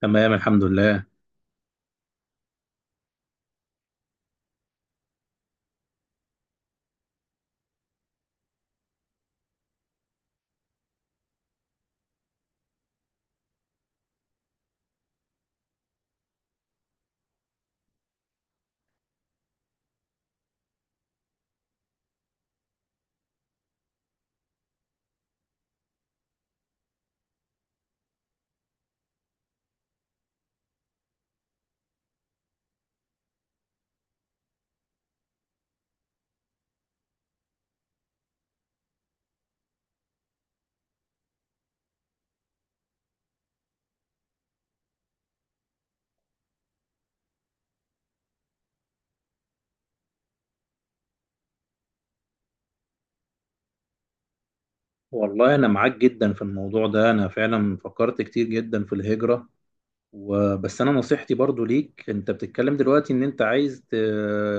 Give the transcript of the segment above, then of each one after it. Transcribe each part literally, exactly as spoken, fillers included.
تمام، الحمد لله. والله انا معاك جدا في الموضوع ده. انا فعلا فكرت كتير جدا في الهجرة، وبس انا نصيحتي برضو ليك، انت بتتكلم دلوقتي ان انت عايز ت...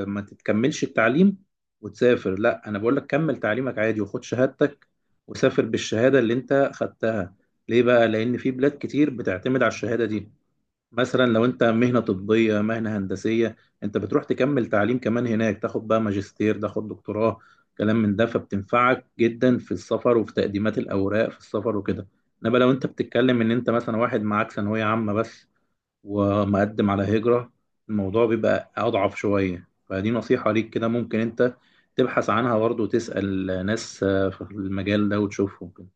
ما تتكملش التعليم وتسافر. لا، انا بقول لك كمل تعليمك عادي وخد شهادتك، وسافر بالشهادة اللي انت خدتها. ليه بقى؟ لان في بلاد كتير بتعتمد على الشهادة دي. مثلا لو انت مهنة طبية، مهنة هندسية، انت بتروح تكمل تعليم كمان هناك، تاخد بقى ماجستير، تاخد دكتوراه، كلام من ده، فبتنفعك جدا في السفر وفي تقديمات الأوراق في السفر وكده. انما لو انت بتتكلم ان انت مثلا واحد معاك ثانوية عامة بس ومقدم على هجرة، الموضوع بيبقى أضعف شوية. فدي نصيحة ليك كده، ممكن انت تبحث عنها برضه وتسأل ناس آه، في المجال ده وتشوفهم كده.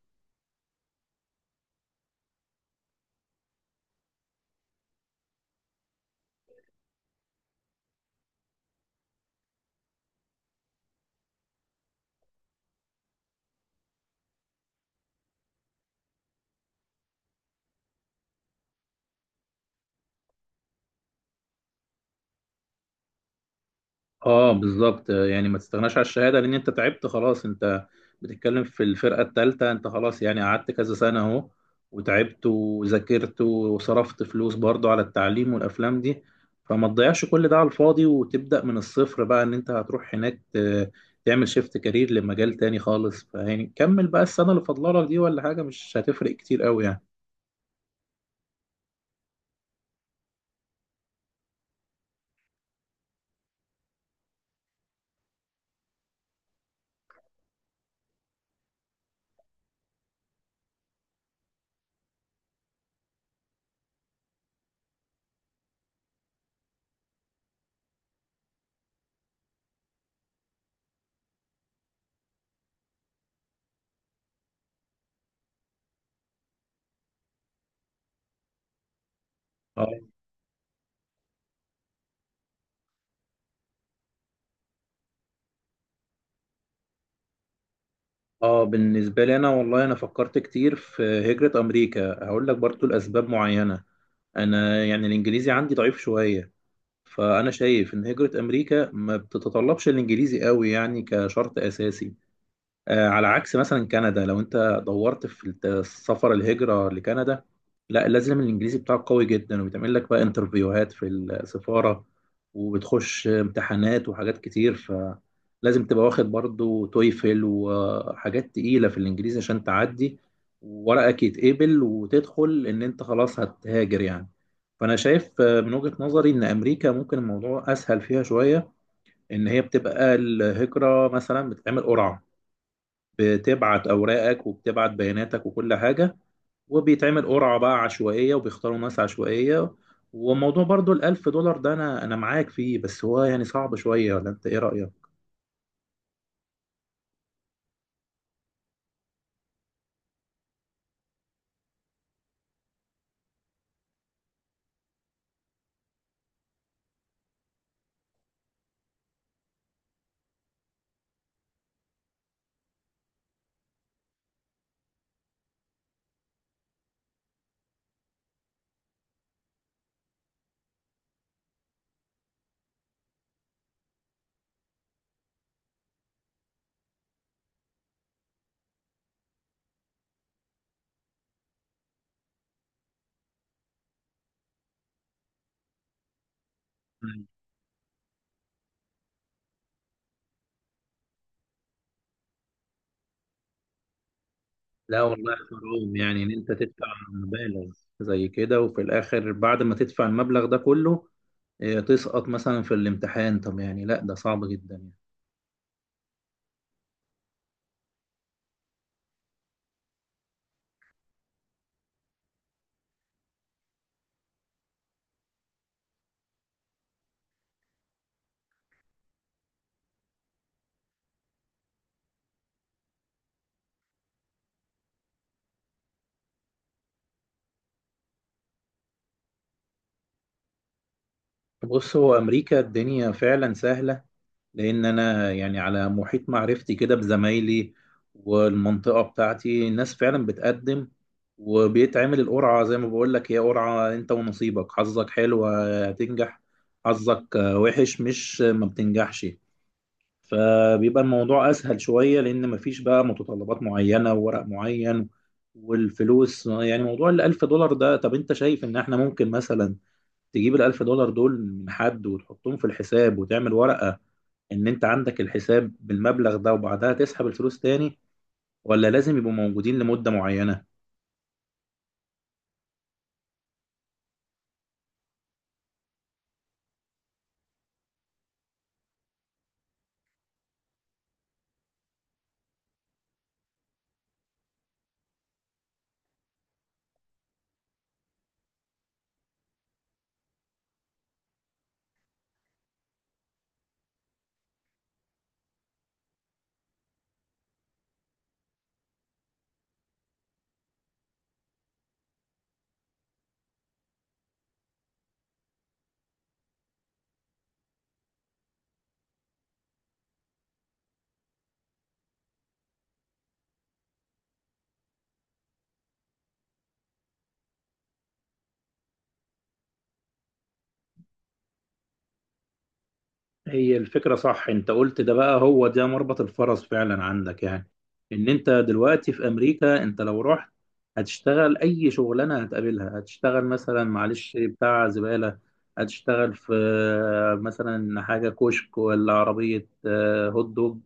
اه، بالظبط. يعني ما تستغناش على الشهاده، لان انت تعبت خلاص. انت بتتكلم في الفرقه الثالثه، انت خلاص يعني قعدت كذا سنه اهو، وتعبت وذاكرت وصرفت فلوس برضو على التعليم والافلام دي. فما تضيعش كل ده على الفاضي وتبدا من الصفر بقى، ان انت هتروح هناك ت- تعمل شيفت كارير لمجال تاني خالص. فيعني كمل بقى السنه اللي فاضله لك دي، ولا حاجه مش هتفرق كتير قوي يعني. اه. اه، بالنسبة لي انا، والله انا فكرت كتير في هجرة امريكا. هقول لك برضو الاسباب معينة. انا يعني الانجليزي عندي ضعيف شوية، فانا شايف ان هجرة امريكا ما بتتطلبش الانجليزي قوي يعني كشرط اساسي. آه، على عكس مثلا كندا، لو انت دورت في الت- السفر الهجرة لكندا، لا، لازم الانجليزي بتاعك قوي جدا، وبيتعمل لك بقى انترفيوهات في السفارة وبتخش امتحانات وحاجات كتير. فلازم تبقى واخد برضو تويفل وحاجات تقيلة في الانجليزي عشان تعدي وورقك يتقبل وتدخل ان انت خلاص هتهاجر يعني. فانا شايف آه، من وجهة نظري ان امريكا ممكن الموضوع اسهل فيها شوية. ان هي بتبقى الهجرة مثلا بتتعمل قرعة، بتبعت اوراقك وبتبعت بياناتك وكل حاجه، وبيتعمل قرعه بقى عشوائيه وبيختاروا ناس عشوائيه. وموضوع برضو الألف دولار ده، أنا أنا معاك فيه، بس هو يعني صعب شوية، ولا أنت إيه رأيك؟ مم. لا والله حرام يعني إن أنت تدفع مبالغ زي كده، وفي الآخر بعد ما تدفع المبلغ ده كله إيه، تسقط مثلا في الامتحان. طب يعني لا، ده صعب جدا يعني. بص، هو أمريكا الدنيا فعلا سهلة. لان انا يعني على محيط معرفتي كده بزمايلي والمنطقه بتاعتي، ناس فعلا بتقدم وبيتعمل القرعه. زي ما بقول لك، هي قرعه، انت ونصيبك، حظك حلو هتنجح، حظك وحش مش ما بتنجحش. فبيبقى الموضوع اسهل شويه، لان مفيش بقى متطلبات معينه وورق معين. والفلوس، يعني موضوع الألف دولار ده، طب انت شايف ان احنا ممكن مثلا تجيب الألف دولار دول من حد وتحطهم في الحساب، وتعمل ورقه ان انت عندك الحساب بالمبلغ ده، وبعدها تسحب الفلوس تاني؟ ولا لازم يبقوا موجودين لمدة معينة؟ هي الفكرة صح، انت قلت ده بقى، هو ده مربط الفرس فعلا عندك يعني. ان انت دلوقتي في امريكا، انت لو رحت هتشتغل اي شغلانة هتقابلها. هتشتغل مثلا معلش بتاع زبالة، هتشتغل في آه، مثلا حاجة كشك، ولا عربية آه، هوت دوج.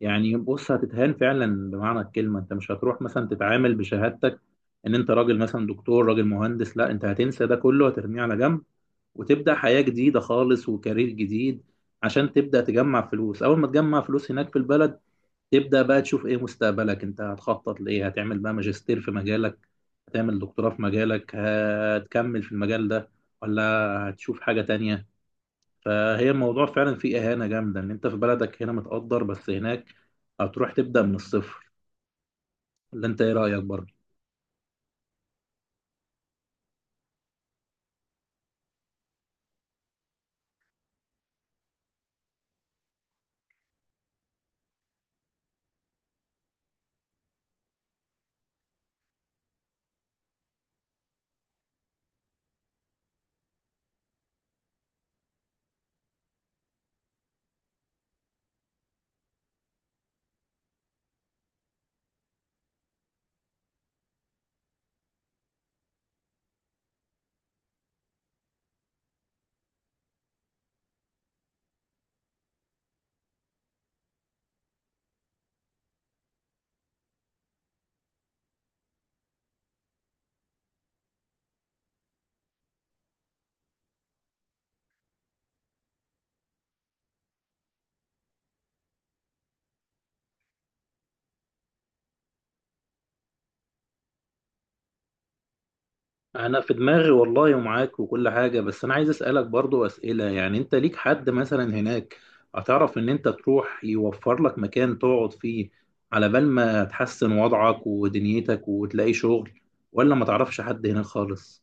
يعني بص، هتتهان فعلا بمعنى الكلمة. انت مش هتروح مثلا تتعامل بشهادتك ان انت راجل مثلا دكتور، راجل مهندس. لا، انت هتنسى ده كله، هترميه على جنب، وتبدأ حياة جديدة خالص وكارير جديد، عشان تبدأ تجمع فلوس. أول ما تجمع فلوس هناك في البلد، تبدأ بقى تشوف إيه مستقبلك، أنت هتخطط لإيه؟ هتعمل بقى ماجستير في مجالك، هتعمل دكتوراه في مجالك، هتكمل في المجال ده، ولا هتشوف حاجة تانية؟ فهي الموضوع فعلا فيه إهانة جامدة، إن أنت في بلدك هنا متقدر، بس هناك هتروح تبدأ من الصفر. ولا أنت إيه رأيك برضه؟ انا في دماغي والله، ومعاك وكل حاجه. بس انا عايز اسالك برضو اسئله، يعني انت ليك حد مثلا هناك هتعرف ان انت تروح يوفر لك مكان تقعد فيه على بال ما تحسن وضعك ودنيتك وتلاقي شغل؟ ولا ما تعرفش حد هناك خالص؟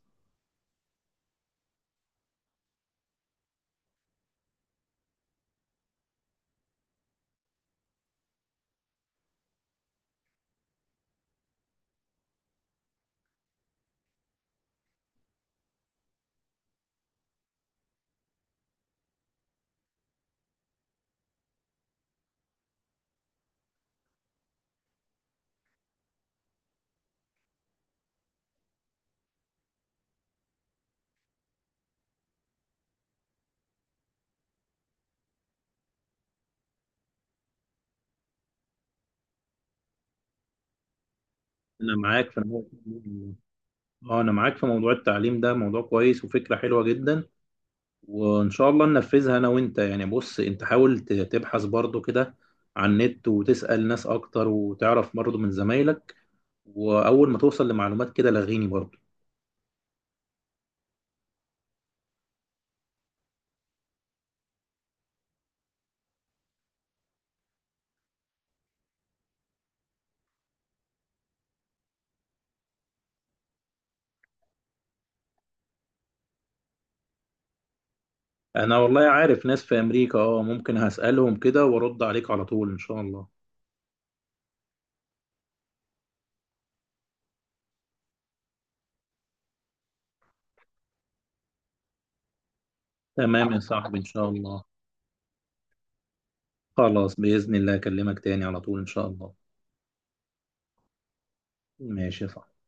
انا معاك في موضوع. اه، انا معاك في موضوع التعليم ده، موضوع كويس وفكره حلوه جدا، وان شاء الله ننفذها انا وانت. يعني بص، انت حاول ت- تبحث برضو كده على النت وتسال ناس اكتر، وتعرف برضو من زمايلك، واول ما توصل لمعلومات كده لغيني برضه. انا والله عارف ناس في امريكا. اه، ممكن هسألهم كده وارد عليك على طول ان شاء الله. تمام يا صاحبي، ان شاء الله. خلاص بإذن الله، اكلمك تاني على طول ان شاء الله. ماشي يا صاحبي.